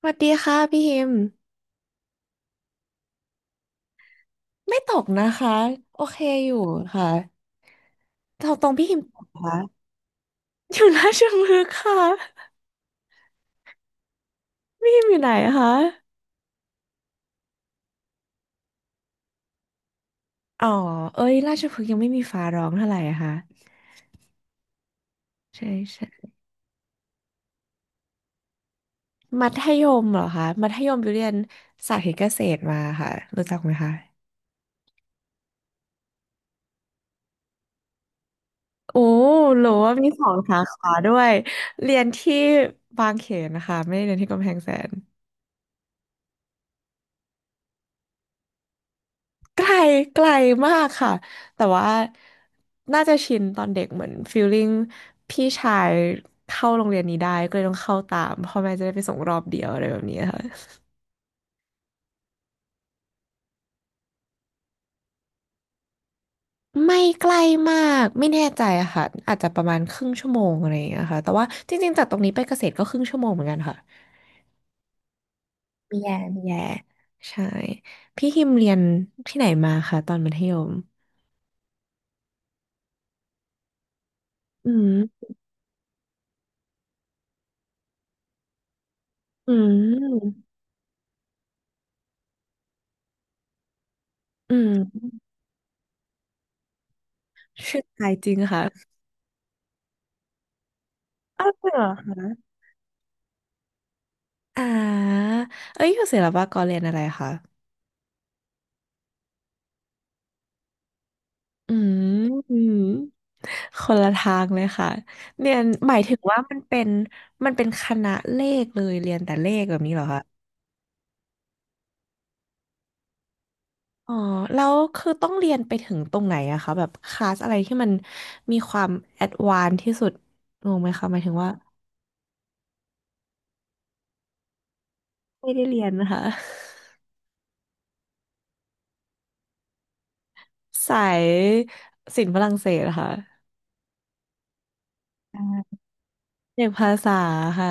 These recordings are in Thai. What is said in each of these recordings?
สวัสดีค่ะพี่ฮิมไม่ตกนะคะโอเคอยู่ค่ะแถวตรงพี่ฮิมตกเหรอค่ะอยู่ราชพฤกษ์ค่ะพี่ฮิมอยู่ไหนคะอ๋อเอ้ยราชพฤกษ์ยังไม่มีฟ้าร้องเท่าไหร่อะค่ะใช่ใช่มัธยมเหรอคะมัธยมอยู่เรียนสาธิตเกษตรมาค่ะรู้จักไหมคะโอ้หรือว่ามีสองสาขาด้วยเรียนที่บางเขนนะคะไม่ได้เรียนที่กำแพงแสน ไกลไกลมากค่ะแต่ว่าน่าจะชินตอนเด็กเหมือนฟีลลิ่งพี่ชายเข้าโรงเรียนนี้ได้ก็เลยต้องเข้าตามพ่อแม่จะได้ไปส่งรอบเดียวอะไรแบบนี้ค่ะไม่ใกล้มากไม่แน่ใจอะค่ะอาจจะประมาณครึ่งชั่วโมงอะไรอย่างเงี้ยค่ะแต่ว่าจริงๆจากตรงนี้ไปเกษตรก็ครึ่งชั่วโมงเหมือนกันค่ะมีแย่มีแย่ใช่พี่ฮิมเรียนที่ไหนมาคะตอนมัธยมอืมอืมอืมชื่อไทยจริงค่ะอ้าวเหรอ อ่าเอ้ยอยู่ศิลปากรเรียนอะไรคะอืมอืมคนละทางเลยค่ะ เรียนหมายถึงว่ามันเป็นเป็นคณะเลขเลยเรียนแต่เลขแบบนี้เหรอคะอ๋อแล้วคือต้องเรียนไปถึงตรงไหนอะคะแบบคลาสอะไรที่มันมีความแอดวานซ์ที่สุดงงไหมคะหมายถึงว่าไม่ได้เรียนนะคะ สายศิลป์ฝรั่งเศสเหรอะค่ะอ่าเอกภาษาค่ะ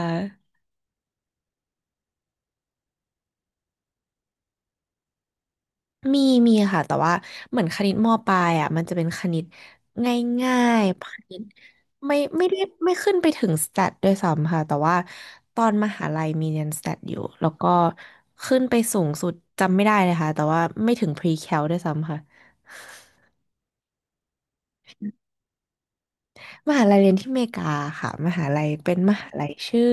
มีมีค่ะแต่ว่าเหมือนคณิตมปลายอ่ะมันจะเป็นคณิตง่ายๆคณิตไม่ได้ไม่ขึ้นไปถึงสแตทด้วยซ้ำค่ะแต่ว่าตอนมหาลัยมีเรียนสแตทอยู่แล้วก็ขึ้นไปสูงสุดจำไม่ได้เลยค่ะแต่ว่าไม่ถึงพรีแคลด้วยซ้ำค่ะมหาลัยเรียนที่อเมริกาค่ะมหาลัยเป็นมหาลัยชื่อ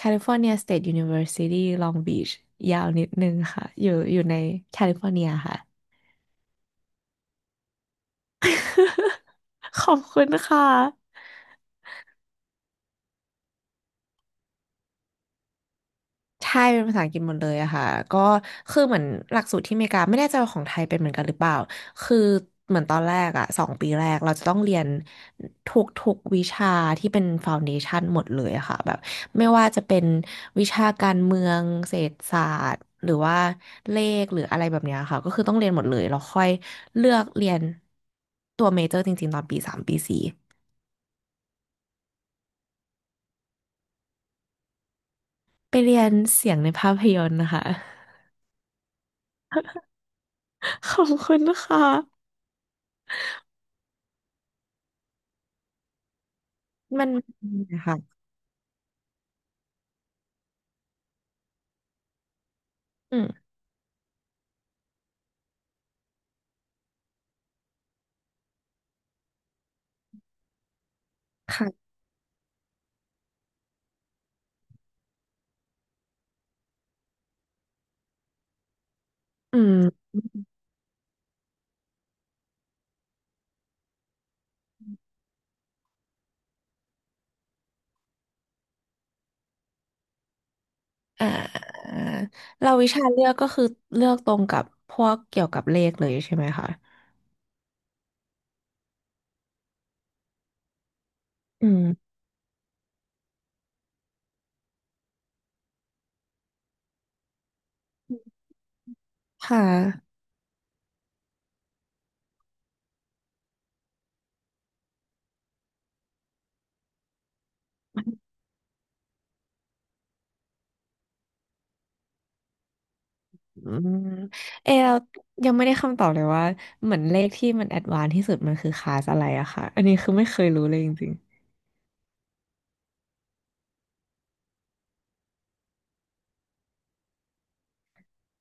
California State University Long Beach ยาวนิดนึงค่ะอยู่ในแคลิฟอร์เนียค่ะ ขอบคุณค่ะ ใช่เป็นภาษาอังกฤษหมดเลยอะค่ะก็คือเหมือนหลักสูตรที่อเมริกาไม่แน่ใจว่าของไทยเป็นเหมือนกันหรือเปล่าคือเหมือนตอนแรกอะสองปีแรกเราจะต้องเรียนทุกวิชาที่เป็นฟาวเดชั o นหมดเลยอะค่ะแบบไม่ว่าจะเป็นวิชาการเมืองเศรษฐศาสตร์หรือว่าเลขหรืออะไรแบบเนี้ยค่ะก็คือต้องเรียนหมดเลยแล้วค่อยเลือกเรียนตัวเมเจอร์จริงๆตอนปีสามปีสี่ไปเรียนเสียงในภาพยนตร์นะคะ ขอบคุณนะคะมัน นะคะ ค่ะ อืมอ่าเราวิชาเลือกก็คือเลือกตรงกับพวกเกี่ยวกับเลขเลยใช่ไหมคะอืมค่ะอืมเอเรายังไม่ได้คำตอบเลยว่าเหมือนเลขที่มันแอดวานซ์ที่สุดมันคือคลาสอะไรอะค่ะอันนี้คือไม่เคยรู้เลยจริง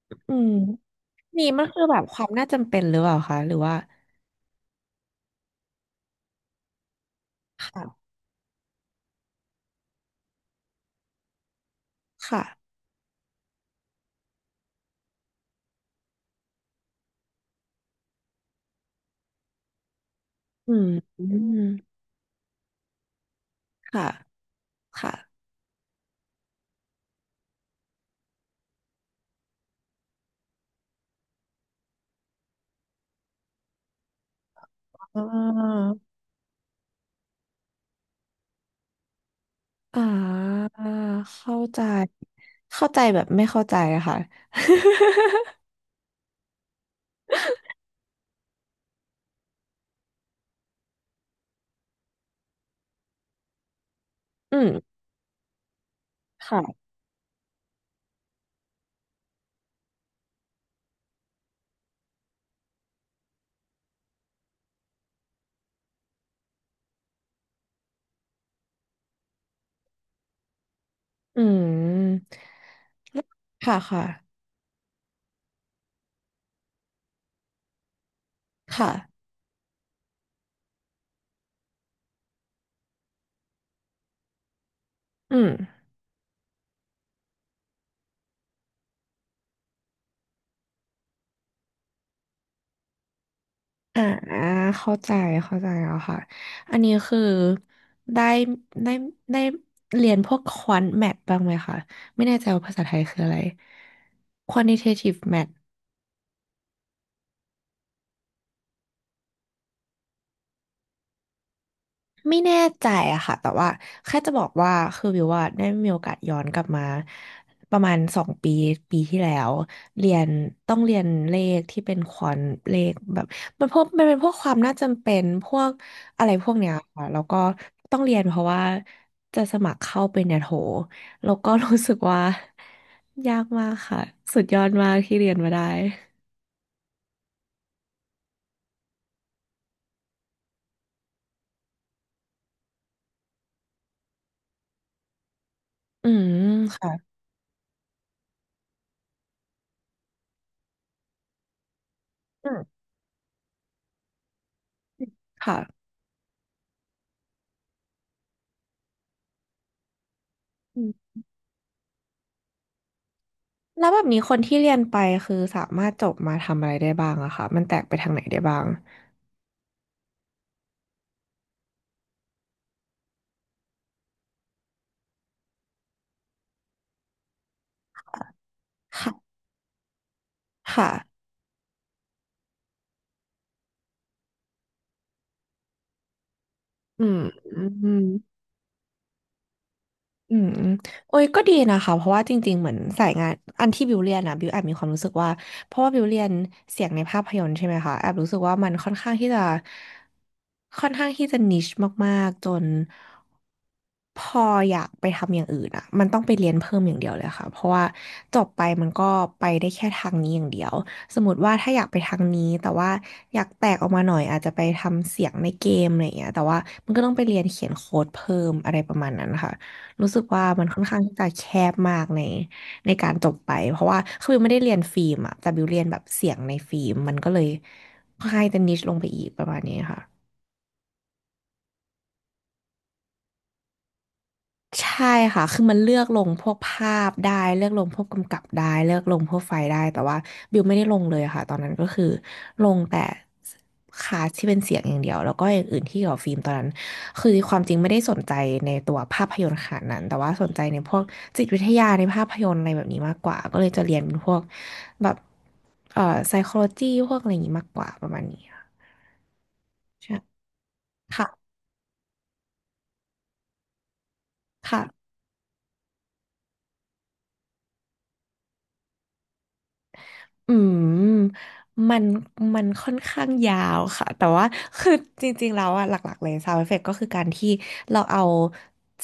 ๆอืมนี่มันคือแบบความน่าจำเป็นหรือเปล่าคะหรือว่าค่ะ ค่ะ อืมอืมค่ะ ค่ะอ๋อ อ่าเข้าใจเข้าใจแบบไม่เข้าใจอะค่ะ อืมค่ะอืมค่ะค่ะค่ะอืมอ่าเข้าใจเข้าใจแล้วค่ะอันนี้คือได้ได้ได้เรียนพวกควอนแมทบ้างไหมคะไม่แน่ใจว่าภาษาไทยคืออะไร quantitative math ไม่แน่ใจอะค่ะแต่ว่าแค่จะบอกว่าคือวิวว่าได้มีโอกาสย้อนกลับมาประมาณสองปีปีที่แล้วเรียนต้องเรียนเลขที่เป็นควอนเลขแบบมันเป็นพวกความน่าจำเป็นพวกอะไรพวกเนี้ยค่ะแล้วก็ต้องเรียนเพราะว่าจะสมัครเข้าเป็นเนี่ยโหแล้วก็รู้สึกว่ายากมากค่ะสุดยอดมากที่เรียนมาได้อืมค่ะอืมค่ะ แล้วแบบนี้คนที่เรียนไปคือสามารถจบมาทำอะไรได้บ้างอะคะมันแตกไปทางไหนได้บ้างค่ะค่ะอืมอืม อืมโอ้ยก็ดีนะคะเพราะว่าจริงๆเหมือนสายงานอันที่บิวเรียนนะบิวแอบมีความรู้สึกว่าเพราะว่าบิวเรียนเสียงในภาพยนตร์ใช่ไหมคะแอบรู้สึกว่ามันค่อนข้างที่จะค่อนข้างที่จะนิชมากๆจนพออยากไปทำอย่างอื่นอ่ะมันต้องไปเรียนเพิ่มอย่างเดียวเลยค่ะเพราะว่าจบไปมันก็ไปได้แค่ทางนี้อย่างเดียวสมมติว่าถ้าอยากไปทางนี้แต่ว่าอยากแตกออกมาหน่อยอาจจะไปทำเสียงในเกมอะไรอย่างเงี้ยแต่ว่ามันก็ต้องไปเรียนเขียนโค้ดเพิ่มอะไรประมาณนั้นค่ะ รู้สึกว่ามันค่อนข้างที่จะแคบมากในการจบไปเพราะว่าคือบิวไม่ได้เรียนฟิล์มอะแต่บิวเรียนแบบเสียงในฟิล์มมันก็เลยค่อนข้างจะนิชลงไปอีกประมาณนี้ค่ะ ใช่ค่ะคือมันเลือกลงพวกภาพได้เลือกลงพวกกำกับได้เลือกลงพวกไฟล์ได้แต่ว่าบิวไม่ได้ลงเลยค่ะตอนนั้นก็คือลงแต่คลาสที่เป็นเสียงอย่างเดียวแล้วก็อย่างอื่นที่เกี่ยวกับฟิล์มตอนนั้นคือความจริงไม่ได้สนใจในตัวภาพยนตร์ขนาดนั้นแต่ว่าสนใจในพวกจิตวิทยาในภาพยนตร์อะไรแบบนี้มากกว่าก็เลยจะเรียนเป็นพวกแบบเอ่อ psychology พวกอะไรอย่างนี้มากกว่าประมาณนี้ค่ะใช่ค่ะค่ะ อืมมันมันค่อนข้างยาวค่ะแต่ว่าคือจริงๆแล้วอะหลักๆเลย sound effect ก็คือการที่เราเอา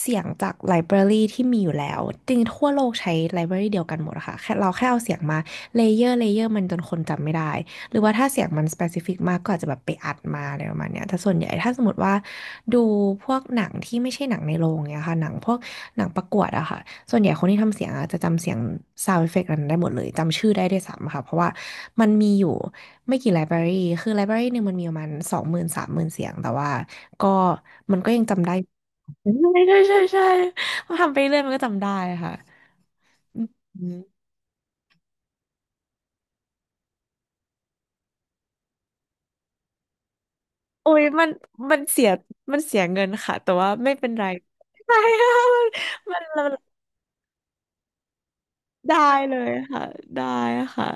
เสียงจากไลบรารีที่มีอยู่แล้วจริงๆทั่วโลกใช้ไลบรารีเดียวกันหมดอะค่ะแค่เราแค่เอาเสียงมาเลเยอร์เลเยอร์มันจนคนจำไม่ได้หรือว่าถ้าเสียงมัน specific มากก็อาจจะแบบไปอัดมาอะไรประมาณเนี้ยแต่ส่วนใหญ่ถ้าสมมติว่าดูพวกหนังที่ไม่ใช่หนังในโรงเนี่ยค่ะหนังพวกหนังประกวดอะค่ะ ส่วนใหญ่คนที่ทำเสียงอะจะจำเสียงซาว n d เอฟเฟกต์นั้นได้หมดเลยจำชื่อได้ด้วยซ้ำค่ะเพราะว่ามันมีอยู่ไม่กี่ไลบรารีคือไลบรารีหนึ่งมันมีประมาณ20,000 30,000เสียงแต่ว่าก็มันก็ยังจำได้ใช่ใช่ใช่ใช่พอทำไปเรื่อยมันก็จำได้ค่ะอืมโอ้ยมันมันเสียมันเสียเงินค่ะแต่ว่าไม่เป็นไรใช่ค่ะมันมันได้เลยค่ะได้ค่ะ